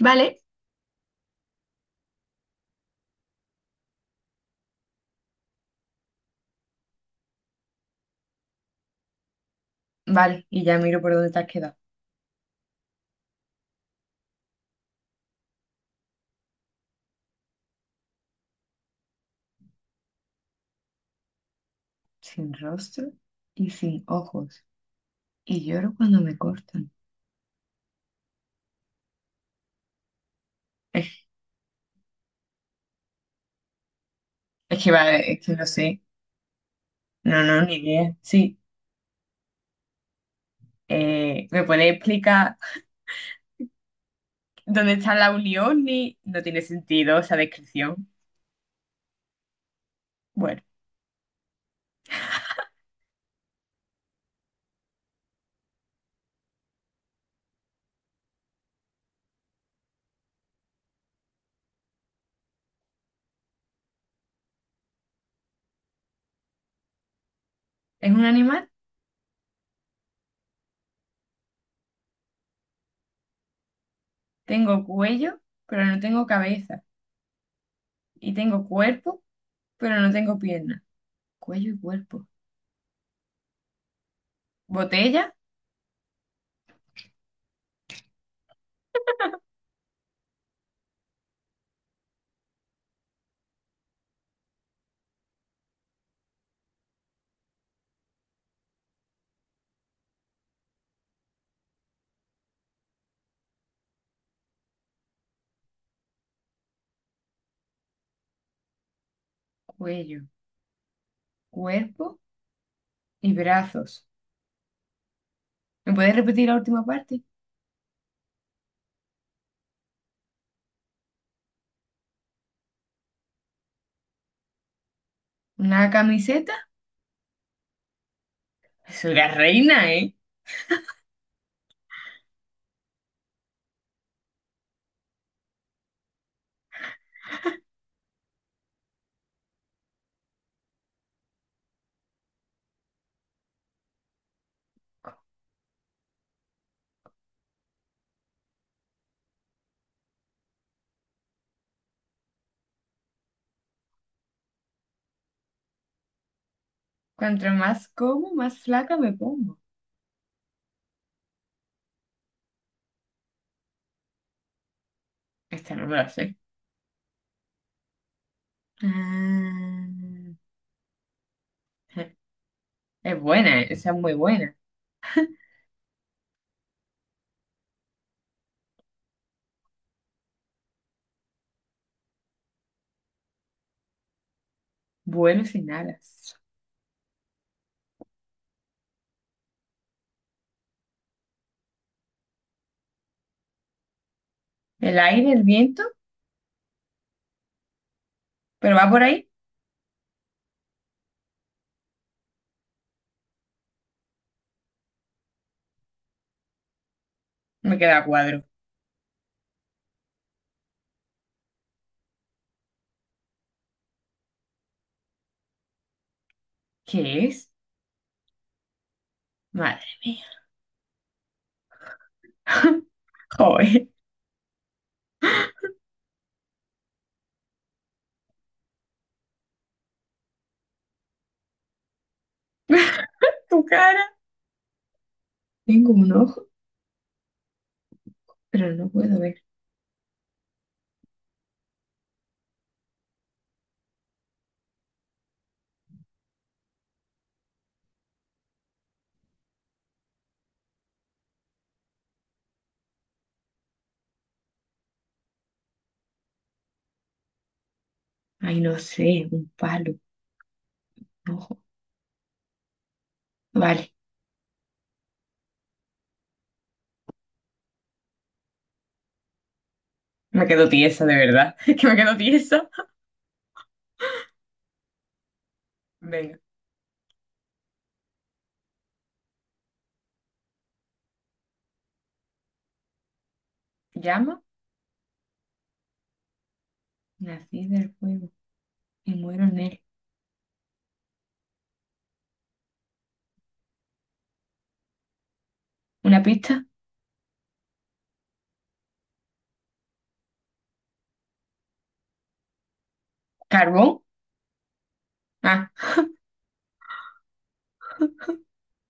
Vale, vale, y ya miro por dónde te has quedado. Sin rostro y sin ojos. Y lloro cuando me cortan. Es, es que vale, es que no sé. No, no, ni idea. Sí. ¿Me puedes explicar dónde está la unión? Ni... No tiene sentido esa descripción. Bueno, es un animal. Tengo cuello, pero no tengo cabeza. Y tengo cuerpo, pero no tengo piernas. Cuello y cuerpo. Botella, cuello, cuerpo y brazos. ¿Me puedes repetir la última parte? ¿Una camiseta? Soy la reina, ¿eh? Cuanto más como, más flaca me pongo. Esta no me la sé. Ah, es buena, ¿eh? Esa es muy buena. Vuelo sin alas. El aire, el viento, pero va por ahí, me queda a cuadro. ¿Qué es? Madre mía. Joder, tu cara. Tengo un ojo, pero no puedo ver. Ay, no sé, un palo, un ojo. Vale, me quedo tiesa, de verdad. Que me quedo tiesa. Venga, llama, nací del fuego. Me muero en él. ¿Una pista? ¿Carbón? Ah,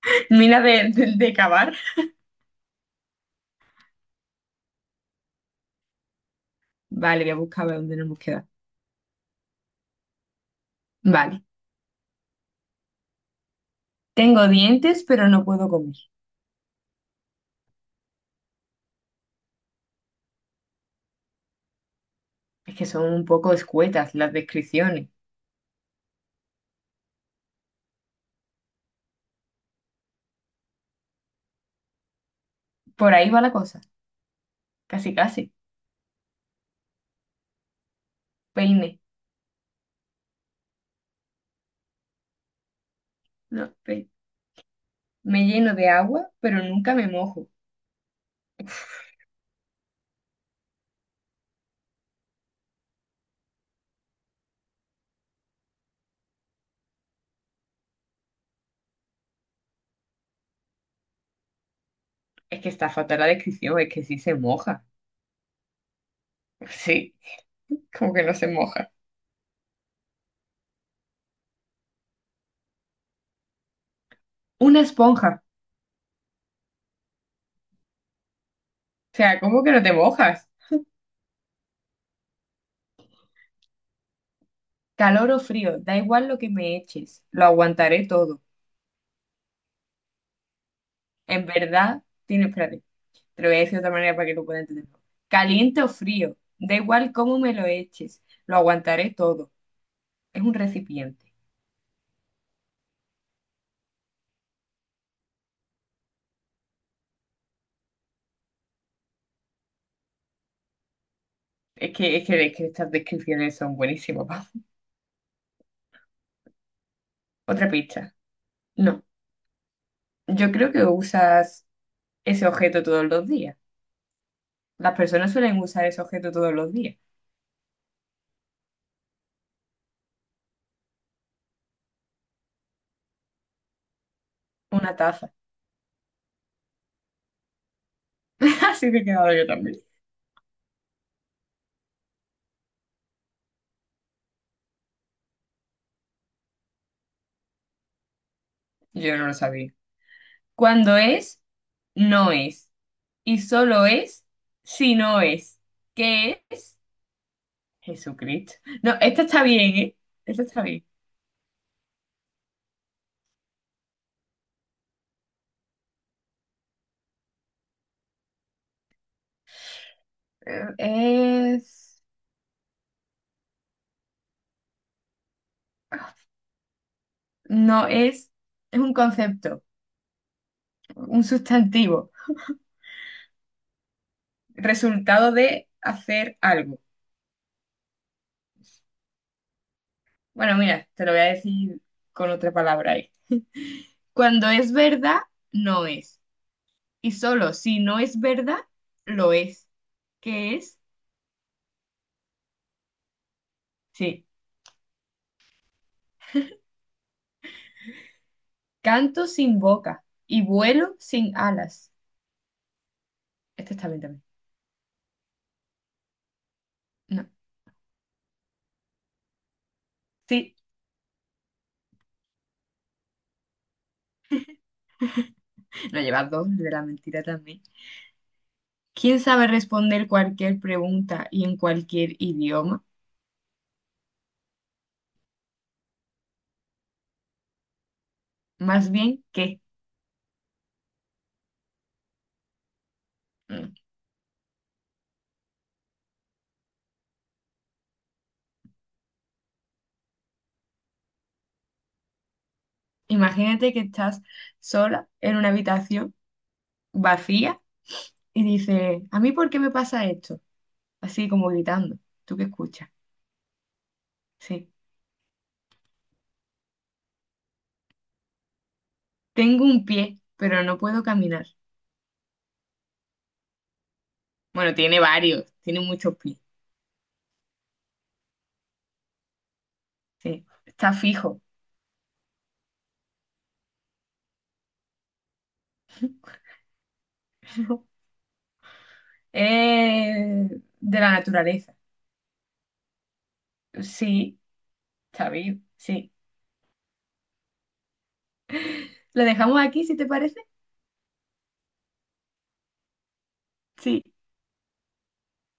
mina de cavar. Vale, voy a buscar a ver dónde nos hemos quedado. Vale. Tengo dientes, pero no puedo comer. Es que son un poco escuetas las descripciones. Por ahí va la cosa. Casi, casi. Peine. No, me lleno de agua, pero nunca me mojo. Es que está fatal la descripción, es que sí se moja. Sí, como que no se moja. Una esponja. O sea, ¿cómo que no te mojas? Calor o frío, da igual lo que me eches, lo aguantaré todo. En verdad, tiene, espérate, te lo voy a decir de otra manera para que lo puedas entender. Caliente o frío, da igual cómo me lo eches, lo aguantaré todo. Es un recipiente. Es que estas descripciones son buenísimas, Pau. Otra pista. No, yo creo que usas ese objeto todos los días. Las personas suelen usar ese objeto todos los días. Una taza. Así me he quedado yo también. Yo no lo sabía. Cuando es, no es. Y solo es si no es. ¿Qué es? Jesucristo. No, esta está bien, ¿eh? Esta está bien. Es, no es, es un concepto, un sustantivo, resultado de hacer algo. Bueno, mira, te lo voy a decir con otra palabra ahí. Cuando es verdad, no es. Y solo si no es verdad, lo es. ¿Qué es? Sí. Canto sin boca y vuelo sin alas. Este está bien también. No. Sí, no llevas dos de la mentira también. ¿Quién sabe responder cualquier pregunta y en cualquier idioma? Más bien que, mm, imagínate que estás sola en una habitación vacía y dices, ¿a mí por qué me pasa esto? Así como gritando. ¿Tú qué escuchas? Sí. Tengo un pie, pero no puedo caminar. Bueno, tiene varios, tiene muchos pies. Sí. Está fijo. Es de la naturaleza. Sí, está vivo. Sí. ¿Lo dejamos aquí si te parece? Sí.